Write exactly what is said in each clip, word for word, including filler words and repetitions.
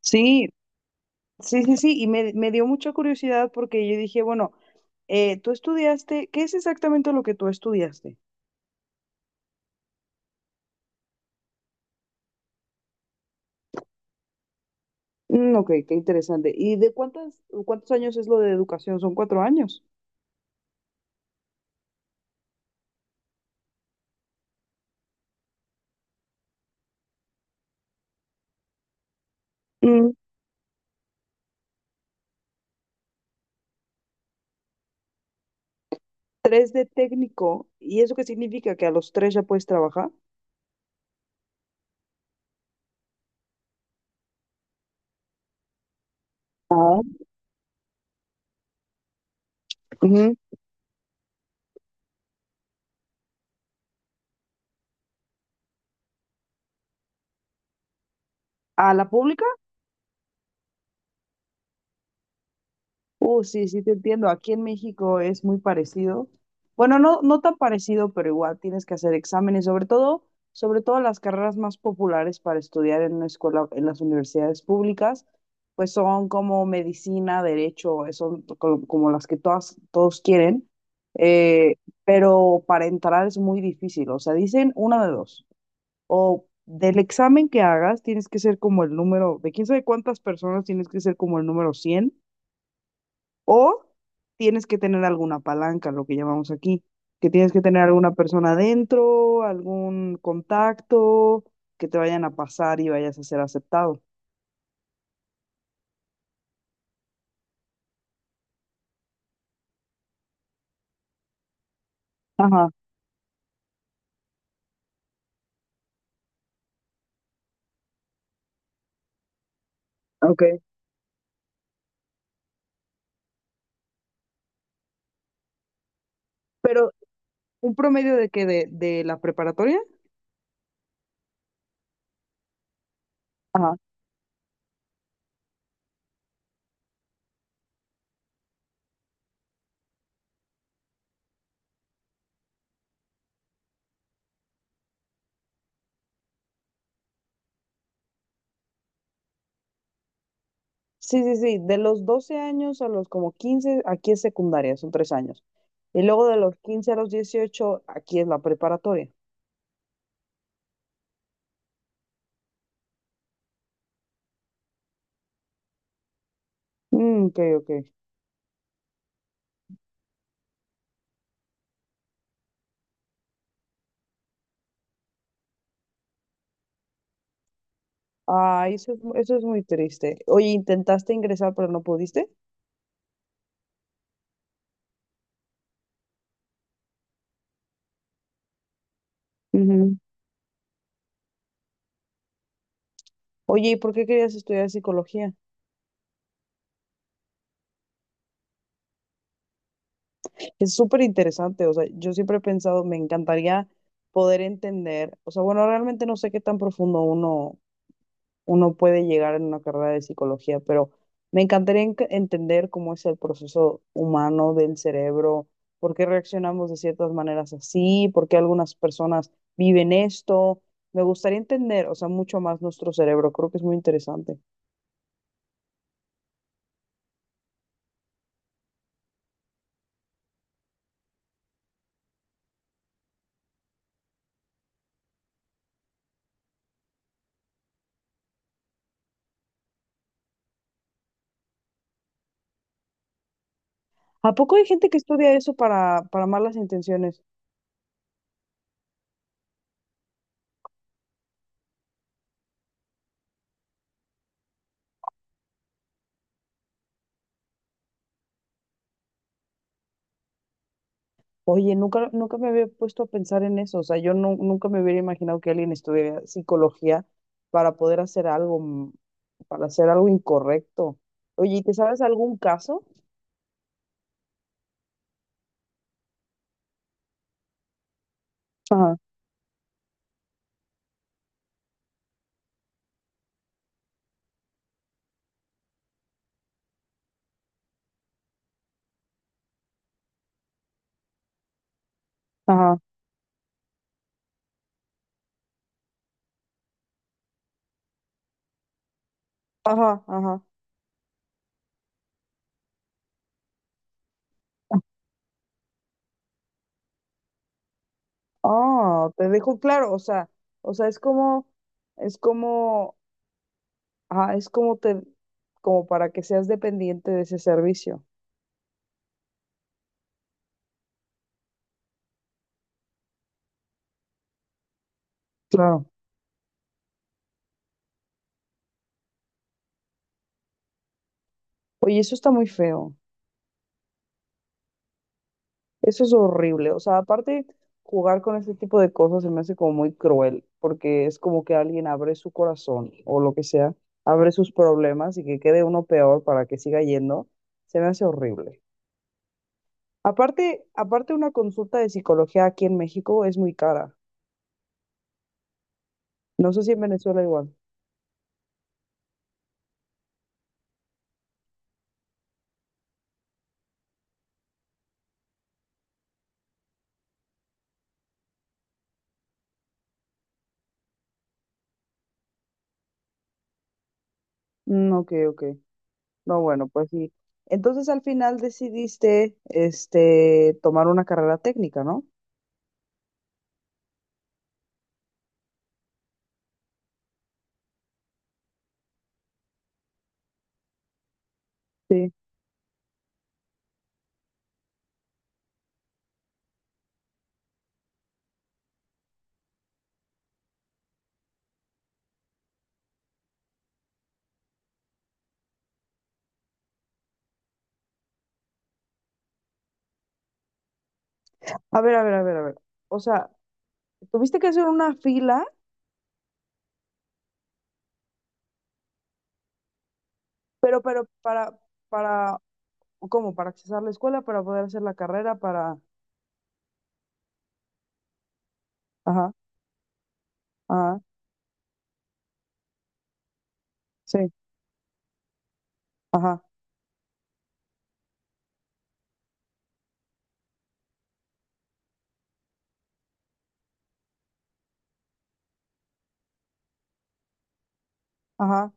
Sí, sí, sí, sí, y me, me dio mucha curiosidad porque yo dije, bueno, eh, tú estudiaste, ¿qué es exactamente lo que tú estudiaste? Mm, ok, qué interesante. ¿Y de cuántas, cuántos años es lo de educación? Son cuatro años. Mm, tres de técnico, ¿y eso qué significa? ¿Que a los tres ya puedes trabajar? Ah. Ujú. ¿A la pública? Uh, sí, sí te entiendo. Aquí en México es muy parecido. Bueno, no, no tan parecido, pero igual tienes que hacer exámenes, sobre todo, sobre todo las carreras más populares para estudiar en una escuela, en las universidades públicas, pues son como medicina, derecho, son co- como las que todas, todos quieren. Eh, pero para entrar es muy difícil. O sea, dicen una de dos. O del examen que hagas, tienes que ser como el número, de quién sabe cuántas personas, tienes que ser como el número cien o tienes que tener alguna palanca, lo que llamamos aquí, que tienes que tener alguna persona adentro, algún contacto, que te vayan a pasar y vayas a ser aceptado. Ajá, ok. Pero un promedio de qué de, de, la preparatoria. Ajá. Sí, sí, sí, de los doce años a los como quince aquí es secundaria, son tres años. Y luego de los quince a los dieciocho aquí es la preparatoria. Mm, ok, ok. Ah, eso es, mu- eso es muy triste. Oye, ¿intentaste ingresar pero no pudiste? Ujú. Oye, ¿y por qué querías estudiar psicología? Es súper interesante, o sea, yo siempre he pensado, me encantaría poder entender, o sea, bueno, realmente no sé qué tan profundo uno, uno puede llegar en una carrera de psicología, pero me encantaría en- entender cómo es el proceso humano del cerebro, por qué reaccionamos de ciertas maneras así, por qué algunas personas viven esto. Me gustaría entender, o sea, mucho más nuestro cerebro, creo que es muy interesante. ¿A poco hay gente que estudia eso para, para malas intenciones? Oye, nunca, nunca me había puesto a pensar en eso. O sea, yo nu- nunca me hubiera imaginado que alguien estudiara psicología para poder hacer algo, mm, para hacer algo incorrecto. Oye, ¿y te sabes algún caso? Ajá, ajá. Ajá, ajá. Ah, te dejo claro. O sea, o sea, es como, es como, ah, es como te, como para que seas dependiente de ese servicio. Claro. Oye, eso está muy feo. Eso es horrible. O sea, aparte, jugar con ese tipo de cosas se me hace como muy cruel, porque es como que alguien abre su corazón o lo que sea, abre sus problemas y que quede uno peor para que siga yendo. Se me hace horrible. Aparte, aparte una consulta de psicología aquí en México es muy cara. No sé si en Venezuela igual. Mm, ok, ok. No, bueno, pues sí. Entonces al final decidiste, este, tomar una carrera técnica, ¿no? Sí. A ver, a ver, a ver, a ver. O sea, tuviste que hacer una fila. Pero, pero, para, para, ¿cómo? Para accesar la escuela, para poder hacer la carrera, para, ajá, ajá, sí, ajá, ajá.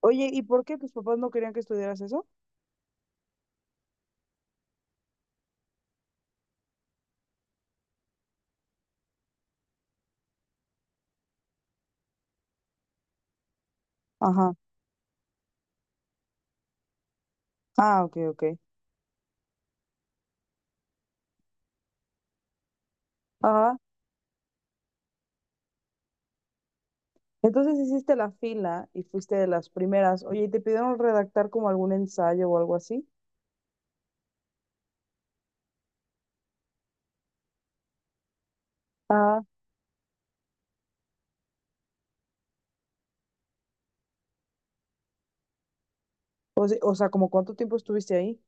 Oye, ¿y por qué tus papás no querían que estudiaras eso? Ajá, ah, ok, ok, ajá. Entonces hiciste la fila y fuiste de las primeras. Oye, ¿y te pidieron redactar como algún ensayo o algo así? Ajá. O se- o sea, ¿como cuánto tiempo estuviste ahí?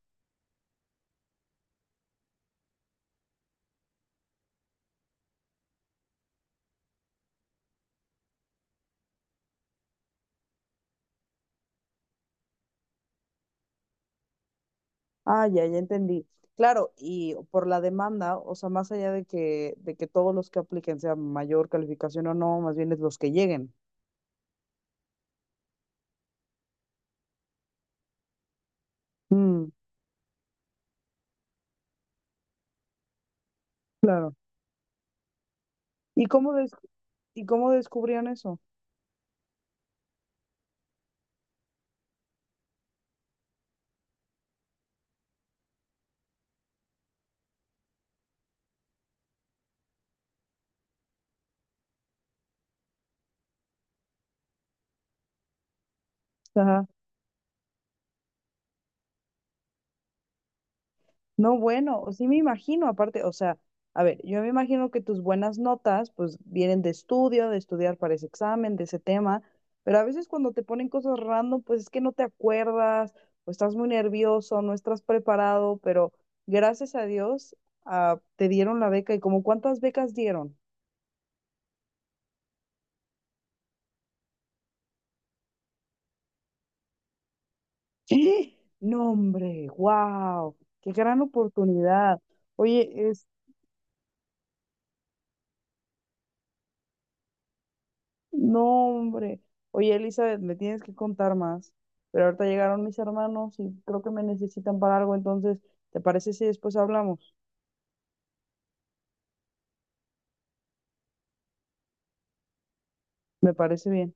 Ah, ya, ya entendí. Claro, y por la demanda, o sea, más allá de que, de que, todos los que apliquen sea mayor calificación o no, más bien es los que lleguen. Mm, claro. ¿Y cómo des- y cómo descubrían eso? Ajá. No, bueno, o sí me imagino, aparte, o sea, a ver, yo me imagino que tus buenas notas, pues, vienen de estudio, de estudiar para ese examen, de ese tema, pero a veces cuando te ponen cosas random, pues es que no te acuerdas, o estás muy nervioso, no estás preparado, pero gracias a Dios, ah, te dieron la beca. ¿Y como cuántas becas dieron? ¡Ah! No, hombre, wow, qué gran oportunidad. Oye, no, hombre. Oye, Elizabeth, me tienes que contar más. Pero ahorita llegaron mis hermanos y creo que me necesitan para algo, entonces, ¿te parece si después hablamos? Me parece bien.